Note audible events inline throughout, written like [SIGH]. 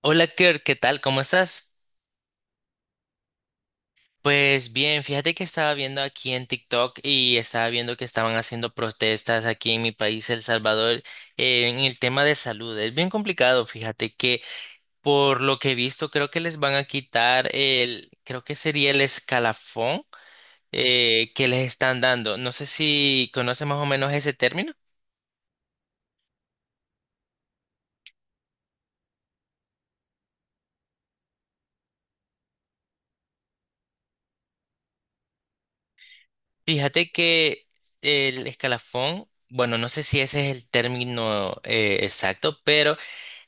Hola Kirk, ¿qué tal? ¿Cómo estás? Pues bien, fíjate que estaba viendo aquí en TikTok y estaba viendo que estaban haciendo protestas aquí en mi país, El Salvador, en el tema de salud. Es bien complicado, fíjate que por lo que he visto creo que les van a quitar el, creo que sería el escalafón que les están dando. No sé si conoces más o menos ese término. Fíjate que el escalafón, bueno, no sé si ese es el término exacto, pero.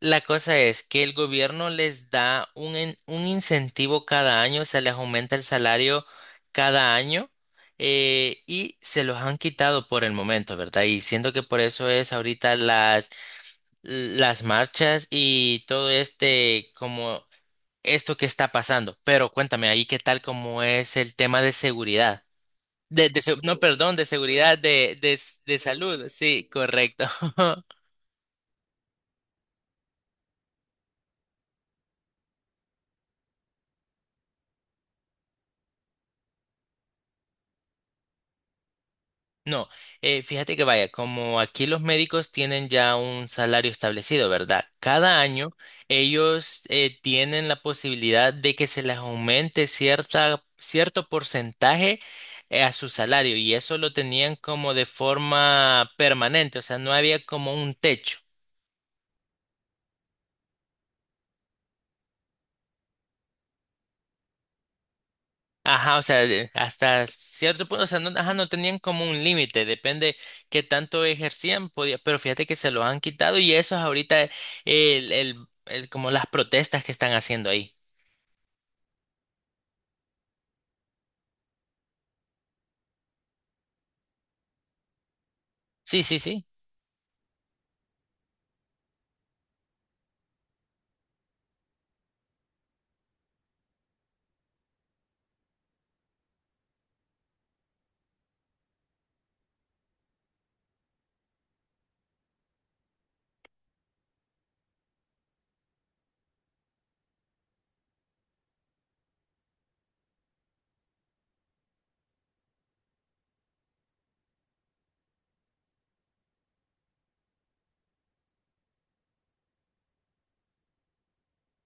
La cosa es que el gobierno les da un incentivo cada año, se les aumenta el salario cada año y se los han quitado por el momento, ¿verdad? Y siento que por eso es ahorita las marchas y todo este, como esto que está pasando. Pero cuéntame ahí qué tal como es el tema de seguridad. No, perdón, de seguridad, de salud. Sí, correcto. [LAUGHS] No, fíjate que vaya, como aquí los médicos tienen ya un salario establecido, ¿verdad? Cada año ellos tienen la posibilidad de que se les aumente cierto porcentaje a su salario y eso lo tenían como de forma permanente, o sea, no había como un techo. Ajá, o sea, hasta cierto punto, o sea, no, ajá, no tenían como un límite, depende qué tanto ejercían, podía, pero fíjate que se lo han quitado y eso es ahorita como las protestas que están haciendo ahí. Sí, sí, sí,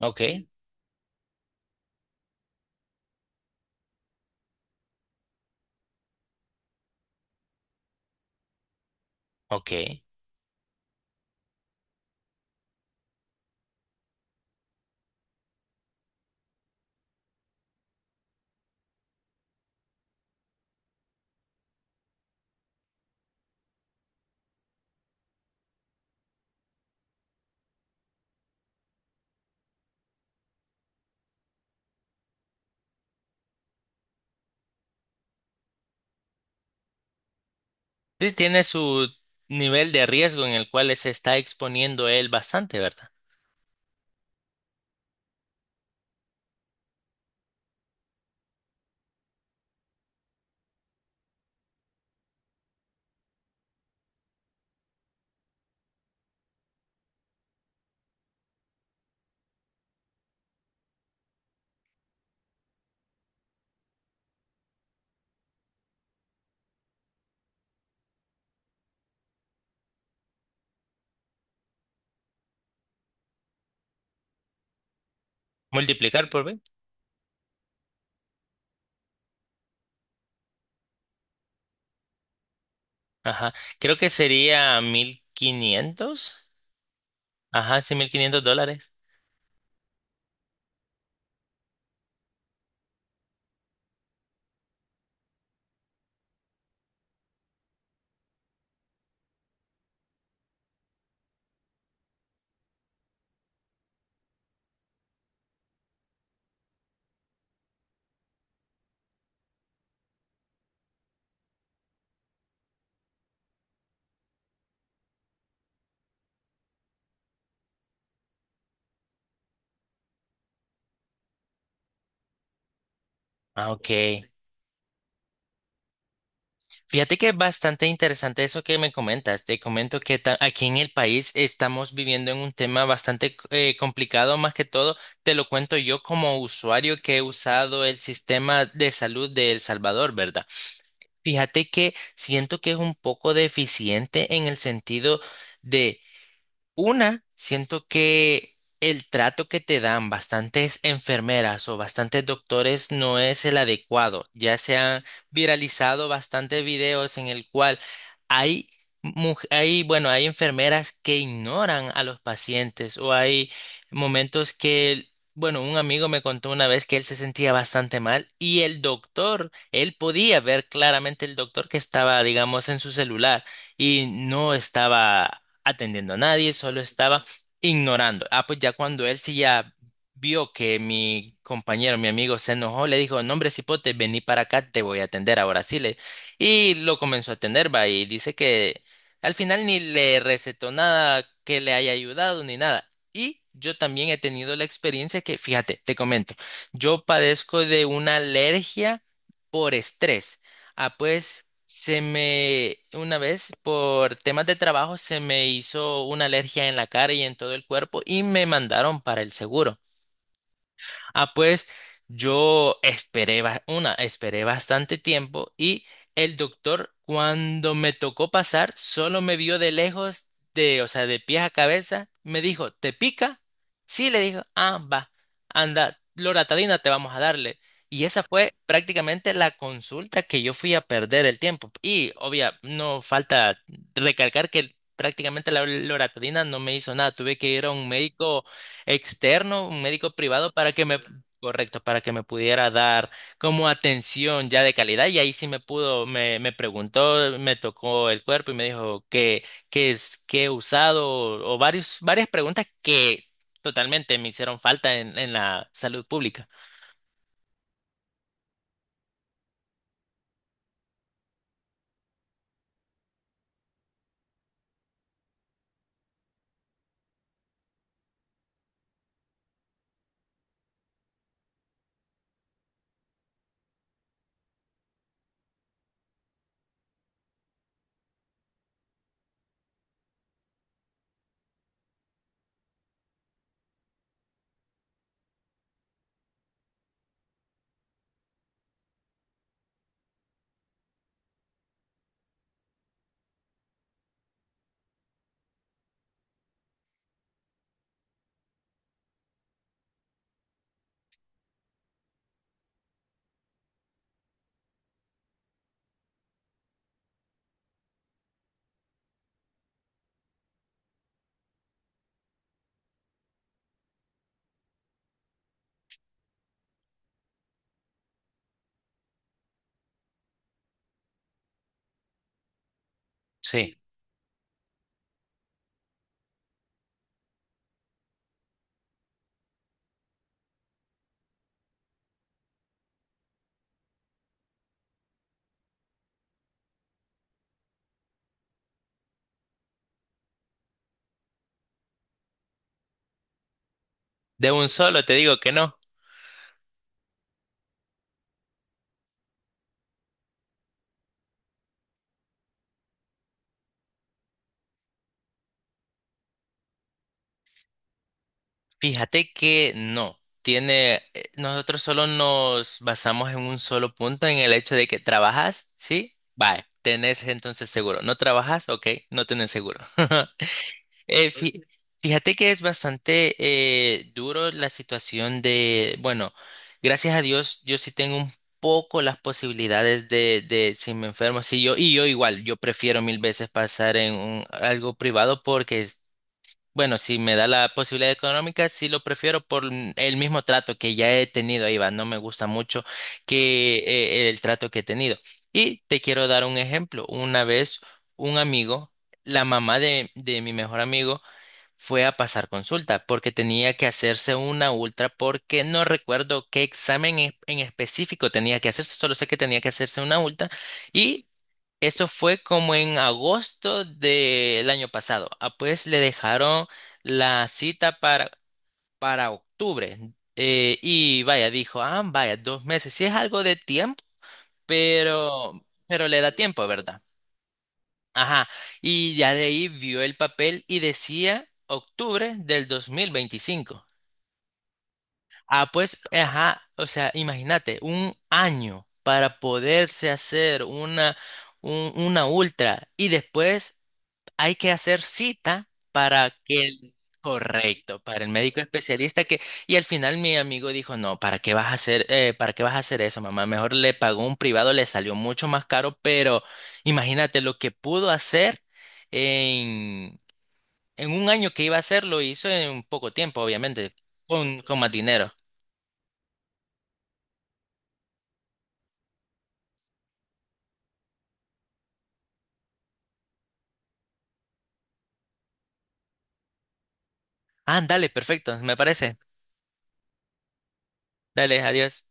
ok, ok. Entonces tiene su nivel de riesgo en el cual se está exponiendo él bastante, ¿verdad? Multiplicar por B. Ajá, creo que sería 1500, Ajá, sí, $1500. Ah, ok. Fíjate que es bastante interesante eso que me comentas. Te comento que aquí en el país estamos viviendo en un tema bastante complicado, más que todo te lo cuento yo como usuario que he usado el sistema de salud de El Salvador, ¿verdad? Fíjate que siento que es un poco deficiente en el sentido de siento que el trato que te dan bastantes enfermeras o bastantes doctores no es el adecuado. Ya se han viralizado bastantes videos en el cual hay, bueno, hay enfermeras que ignoran a los pacientes o hay momentos que, bueno, un amigo me contó una vez que él se sentía bastante mal y el doctor, él podía ver claramente el doctor que estaba, digamos, en su celular y no estaba atendiendo a nadie, solo estaba ignorando. Ah, pues ya cuando él sí ya vio que mi compañero, mi amigo, se enojó, le dijo, no, hombre, cipote, vení para acá, te voy a atender ahora sí. Le... Y lo comenzó a atender, va, y dice que al final ni le recetó nada que le haya ayudado ni nada. Y yo también he tenido la experiencia que, fíjate, te comento, yo padezco de una alergia por estrés. Ah, pues una vez por temas de trabajo se me hizo una alergia en la cara y en todo el cuerpo y me mandaron para el seguro. Ah, pues yo esperé bastante tiempo y el doctor cuando me tocó pasar solo me vio de lejos, o sea, de pies a cabeza, me dijo, ¿te pica? Sí, le dijo, ah, va, anda, loratadina te vamos a darle. Y esa fue prácticamente la consulta que yo fui a perder el tiempo. Y obvia, no falta recalcar que prácticamente la loratadina no me hizo nada. Tuve que ir a un médico externo, un médico privado, para que me correcto, para que me pudiera dar como atención ya de calidad y ahí sí me pudo, me preguntó, me tocó el cuerpo y me dijo qué es, qué he usado o varias preguntas que totalmente me hicieron falta en la salud pública. Sí, de un solo te digo que no. Fíjate que no. Nosotros solo nos basamos en un solo punto, en el hecho de que trabajas, ¿sí? Vale, tenés entonces seguro. ¿No trabajas? Ok, no tenés seguro. [LAUGHS] Eh, fí- fíjate que es bastante duro la situación bueno, gracias a Dios yo sí tengo un poco las posibilidades de, si me enfermo, si yo, y yo igual, yo prefiero mil veces pasar en algo privado porque, bueno, si me da la posibilidad económica, sí lo prefiero por el mismo trato que ya he tenido, ahí va, no me gusta mucho que el trato que he tenido. Y te quiero dar un ejemplo. Una vez un amigo, la mamá de mi mejor amigo, fue a pasar consulta porque tenía que hacerse una ultra porque no recuerdo qué examen en específico tenía que hacerse, solo sé que tenía que hacerse una ultra y eso fue como en agosto del año pasado. Ah, pues le dejaron la cita para octubre y vaya, dijo, ah, vaya, 2 meses, sí es algo de tiempo, pero, pero le da tiempo, ¿verdad? Ajá, y ya de ahí vio el papel y decía octubre del 2025. Ah, pues, ajá, o sea, imagínate, un año para poderse hacer una, una ultra y después hay que hacer cita para que el, correcto, para el médico especialista que, y al final mi amigo dijo, no, ¿para qué vas a hacer, para qué vas a hacer eso, mamá? Mejor le pagó un privado, le salió mucho más caro, pero imagínate lo que pudo hacer en, un año que iba a hacer, lo hizo en poco tiempo, obviamente, con, más dinero. Ah, dale, perfecto, me parece. Dale, adiós.